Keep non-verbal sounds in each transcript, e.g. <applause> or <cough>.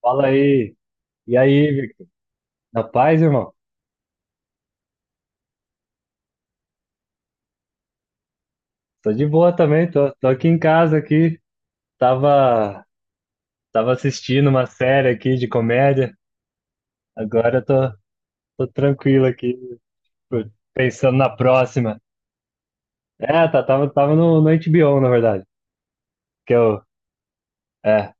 Fala aí. E aí, Vic? Na paz irmão? Tô de boa também, tô aqui em casa aqui. Tava, tava assistindo uma série aqui de comédia. Agora eu tô, tô tranquilo aqui, pô, pensando na próxima. Tava no HBO, na verdade. Que eu, é,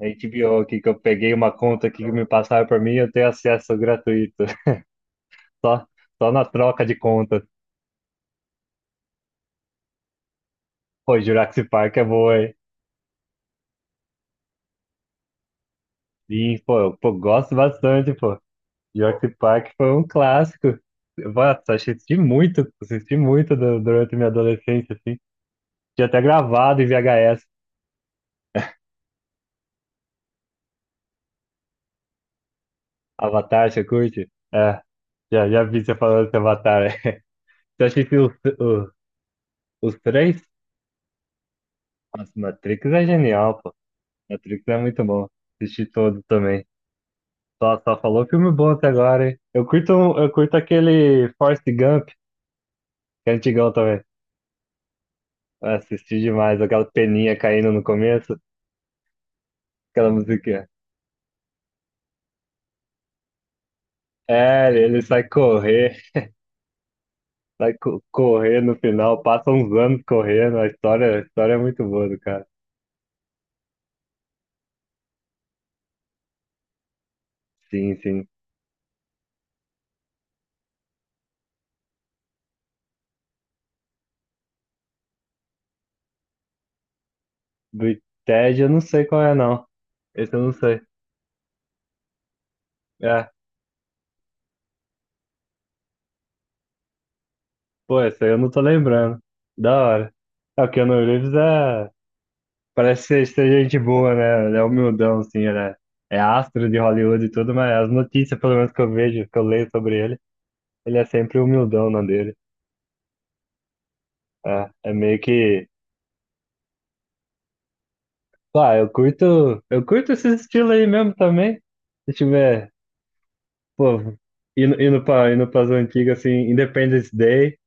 HBO aqui, que eu peguei uma conta aqui que me passaram por mim, eu tenho acesso gratuito. <laughs> Só, só na troca de conta. Pô, Jurassic Park é boa, hein? Sim, pô, pô, gosto bastante, pô. Jurassic Park foi um clássico. Nossa, assisti muito, assisti durante minha adolescência, assim. Tinha até gravado em VHS. Avatar, você curte? É, já vi você falando de Avatar. <laughs> Você assistiu os, <laughs> os três? Nossa, Matrix é genial, pô. Matrix é muito bom. Assisti todo também. Só falou filme bom até agora, hein? Eu curto, eu curto aquele Forrest Gump, que é antigão também. Eu assisti demais, aquela peninha caindo no começo, aquela música. É, ele sai correr, correr no final, passa uns anos correndo. A história é muito boa do cara. Sim, sim. Do Ted eu não sei qual é, não. Esse eu não sei. É, pô, esse aí eu não tô lembrando. Da hora. É, o Keanu Reeves é. Parece ser gente boa, né? Ele é humildão, assim, é astro de Hollywood e tudo, mas as notícias, pelo menos que eu vejo, que eu leio sobre ele, ele é sempre humildão na dele. É, é meio que eu curto esse estilo aí mesmo também. Se tiver, pô, indo pras antigas, assim, Independence Day,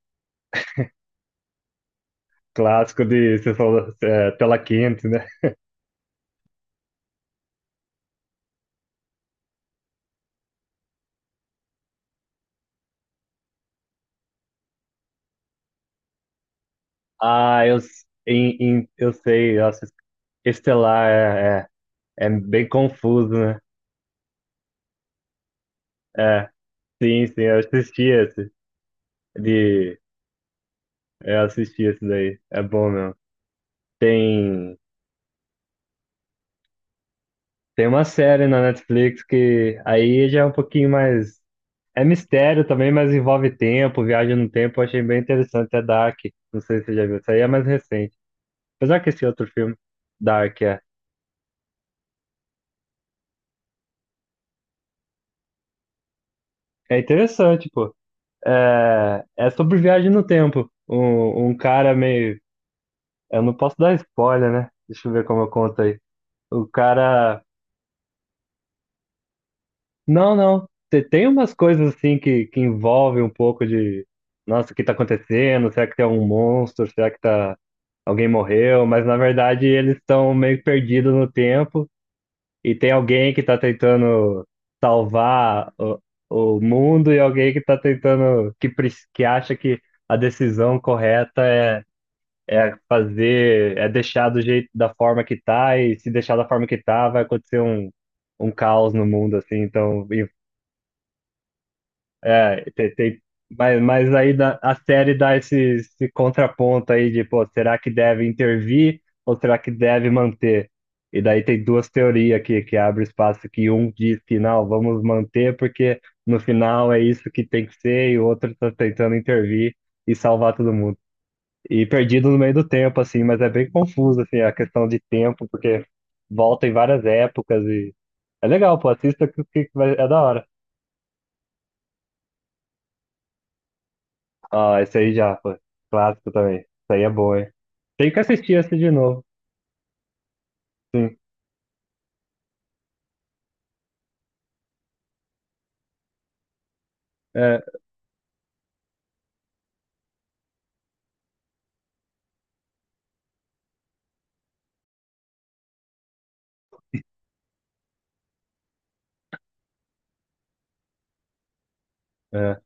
clássico de, você falou, é, tela quente, né? Ah, eu, s- em, em- eu sei, nossa, Estelar é, é, é bem confuso, né? É, sim, sim, de, eu assisti esse daí, é bom mesmo. Tem, tem uma série na Netflix que aí já é um pouquinho mais É mistério também, mas envolve tempo, viagem no tempo. Eu achei bem interessante. É Dark. Não sei se você já viu. Isso aí é mais recente. Apesar que esse outro filme, Dark, é. É interessante, pô. É, é sobre viagem no tempo. Um cara meio. Eu não posso dar spoiler, né? Deixa eu ver como eu conto aí. O cara. Não, não. Tem umas coisas assim que envolvem um pouco de. Nossa, o que tá acontecendo? Será que tem algum monstro? Será que tá. Alguém morreu, mas na verdade eles estão meio perdidos no tempo e tem alguém que tá tentando salvar o mundo e alguém que tá tentando, que, que acha que a decisão correta é, é fazer, é deixar do jeito, da forma que tá, e se deixar da forma que tá, vai acontecer um, um caos no mundo, assim, então é, mas aí a série dá esse, esse contraponto aí de, pô, será que deve intervir ou será que deve manter? E daí tem duas teorias aqui que abre espaço que um diz que não, vamos manter porque no final é isso que tem que ser e o outro tá tentando intervir e salvar todo mundo. E perdido no meio do tempo, assim, mas é bem confuso, assim, a questão de tempo, porque volta em várias épocas e é legal, pô, assista que vai, é da hora. Ah, esse aí já, pô. Clássico também. Isso aí é bom, hein? Tem que assistir esse de novo. Sim. É, é.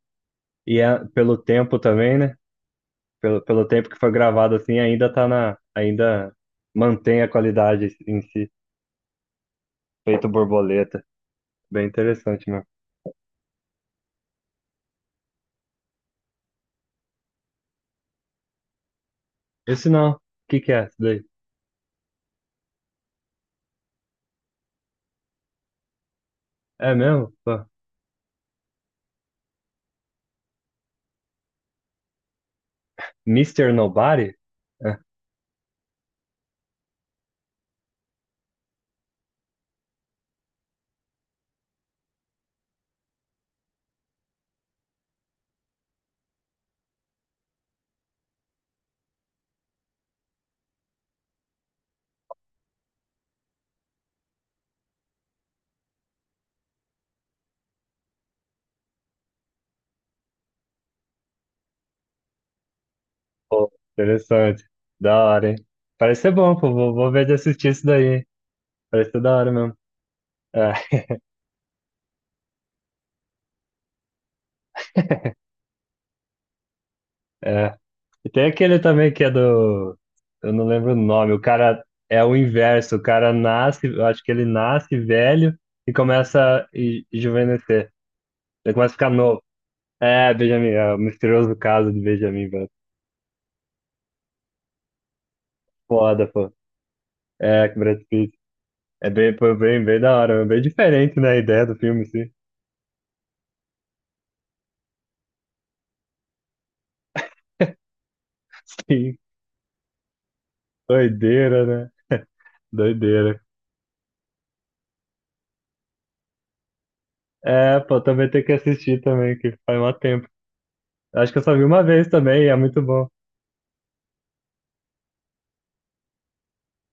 E é pelo tempo também, né? Pelo tempo que foi gravado assim, ainda tá na. Ainda mantém a qualidade em si. Feito borboleta. Bem interessante mesmo. Esse não. O que que é isso daí? É mesmo? Pô. Mr. Nobody? É. Pô, interessante. Da hora, hein? Parece ser bom, pô. Vou ver de assistir isso daí, hein? Parece ser da hora mesmo. É. <laughs> E tem aquele também que é do. Eu não lembro o nome. O cara é o inverso. O cara nasce, eu acho que ele nasce velho e começa a rejuvenescer. Ele começa a ficar novo. É, Benjamin, é o misterioso caso de Benjamin, velho. Foda, pô. É, com Brad Pitt. É bem, foi bem, bem da hora, bem diferente, né, a ideia do filme, sim. <laughs> Sim, doideira, né? Doideira. É, pô, também tem que assistir também, que faz mó tempo. Acho que eu só vi uma vez também, e é muito bom.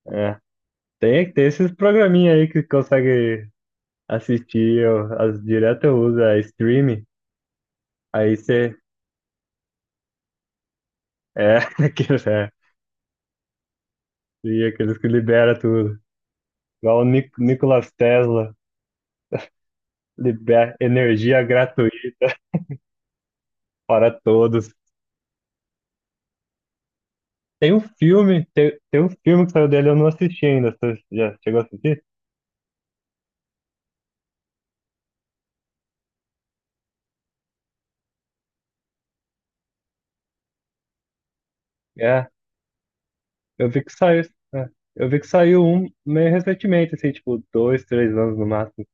É tem, tem esses programinha aí que consegue assistir, eu, as, direto eu uso, é streaming, aí você, é, <laughs> aqueles, é, e aqueles que libera tudo, igual o Nikola Tesla, libera energia gratuita <laughs> para todos. Tem um filme, tem um filme que saiu dele, eu não assisti ainda, você já chegou a assistir? É, eu vi que saiu, é, eu vi que saiu um meio recentemente, assim, tipo, dois, três anos no máximo,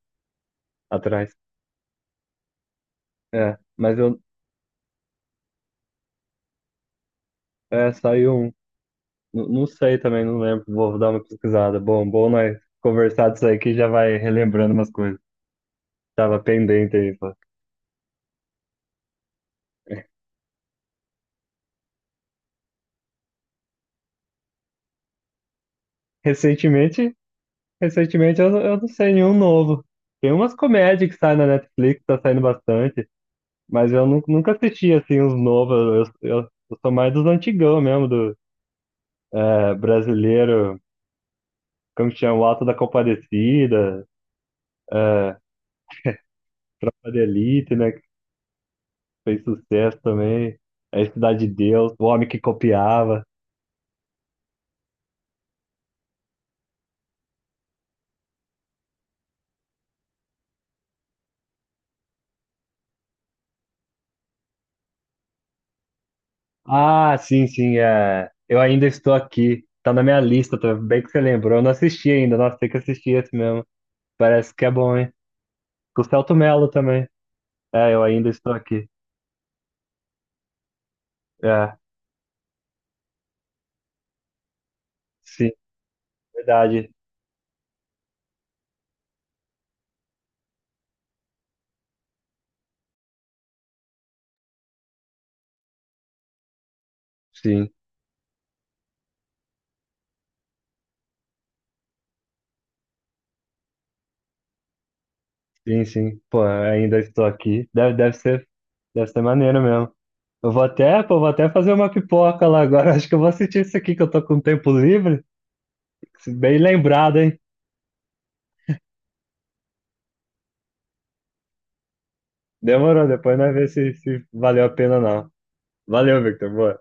atrás, é, mas eu, é, saiu um. Não sei também, não lembro. Vou dar uma pesquisada. Bom, bom nós conversar disso aí que já vai relembrando umas coisas. Tava pendente aí, pô. Recentemente, recentemente eu não sei nenhum novo. Tem umas comédias que saem na Netflix, tá saindo bastante, mas eu nunca assisti assim os novos. Eu sou mais dos antigão mesmo, do é, brasileiro, como que chama? O Alto da Compadecida, é, Tropa de Elite, né? Que fez sucesso também. É Cidade de Deus, o homem que copiava. Ah, sim, sim. É... Eu ainda estou aqui. Tá na minha lista, tá bem que você lembrou. Eu não assisti ainda. Nossa, tem que assistir esse mesmo. Parece que é bom, hein? Com o Celto Mello também. É, eu ainda estou aqui. É, sim, verdade. Sim, sim, sim. Pô, eu ainda estou aqui. Deve ser maneiro mesmo. Pô, vou até fazer uma pipoca lá agora. <laughs> Acho que eu vou assistir isso aqui que eu tô com tempo livre. Bem lembrado, hein? Demorou, depois nós vemos se, se valeu a pena ou não. Valeu, Victor. Boa.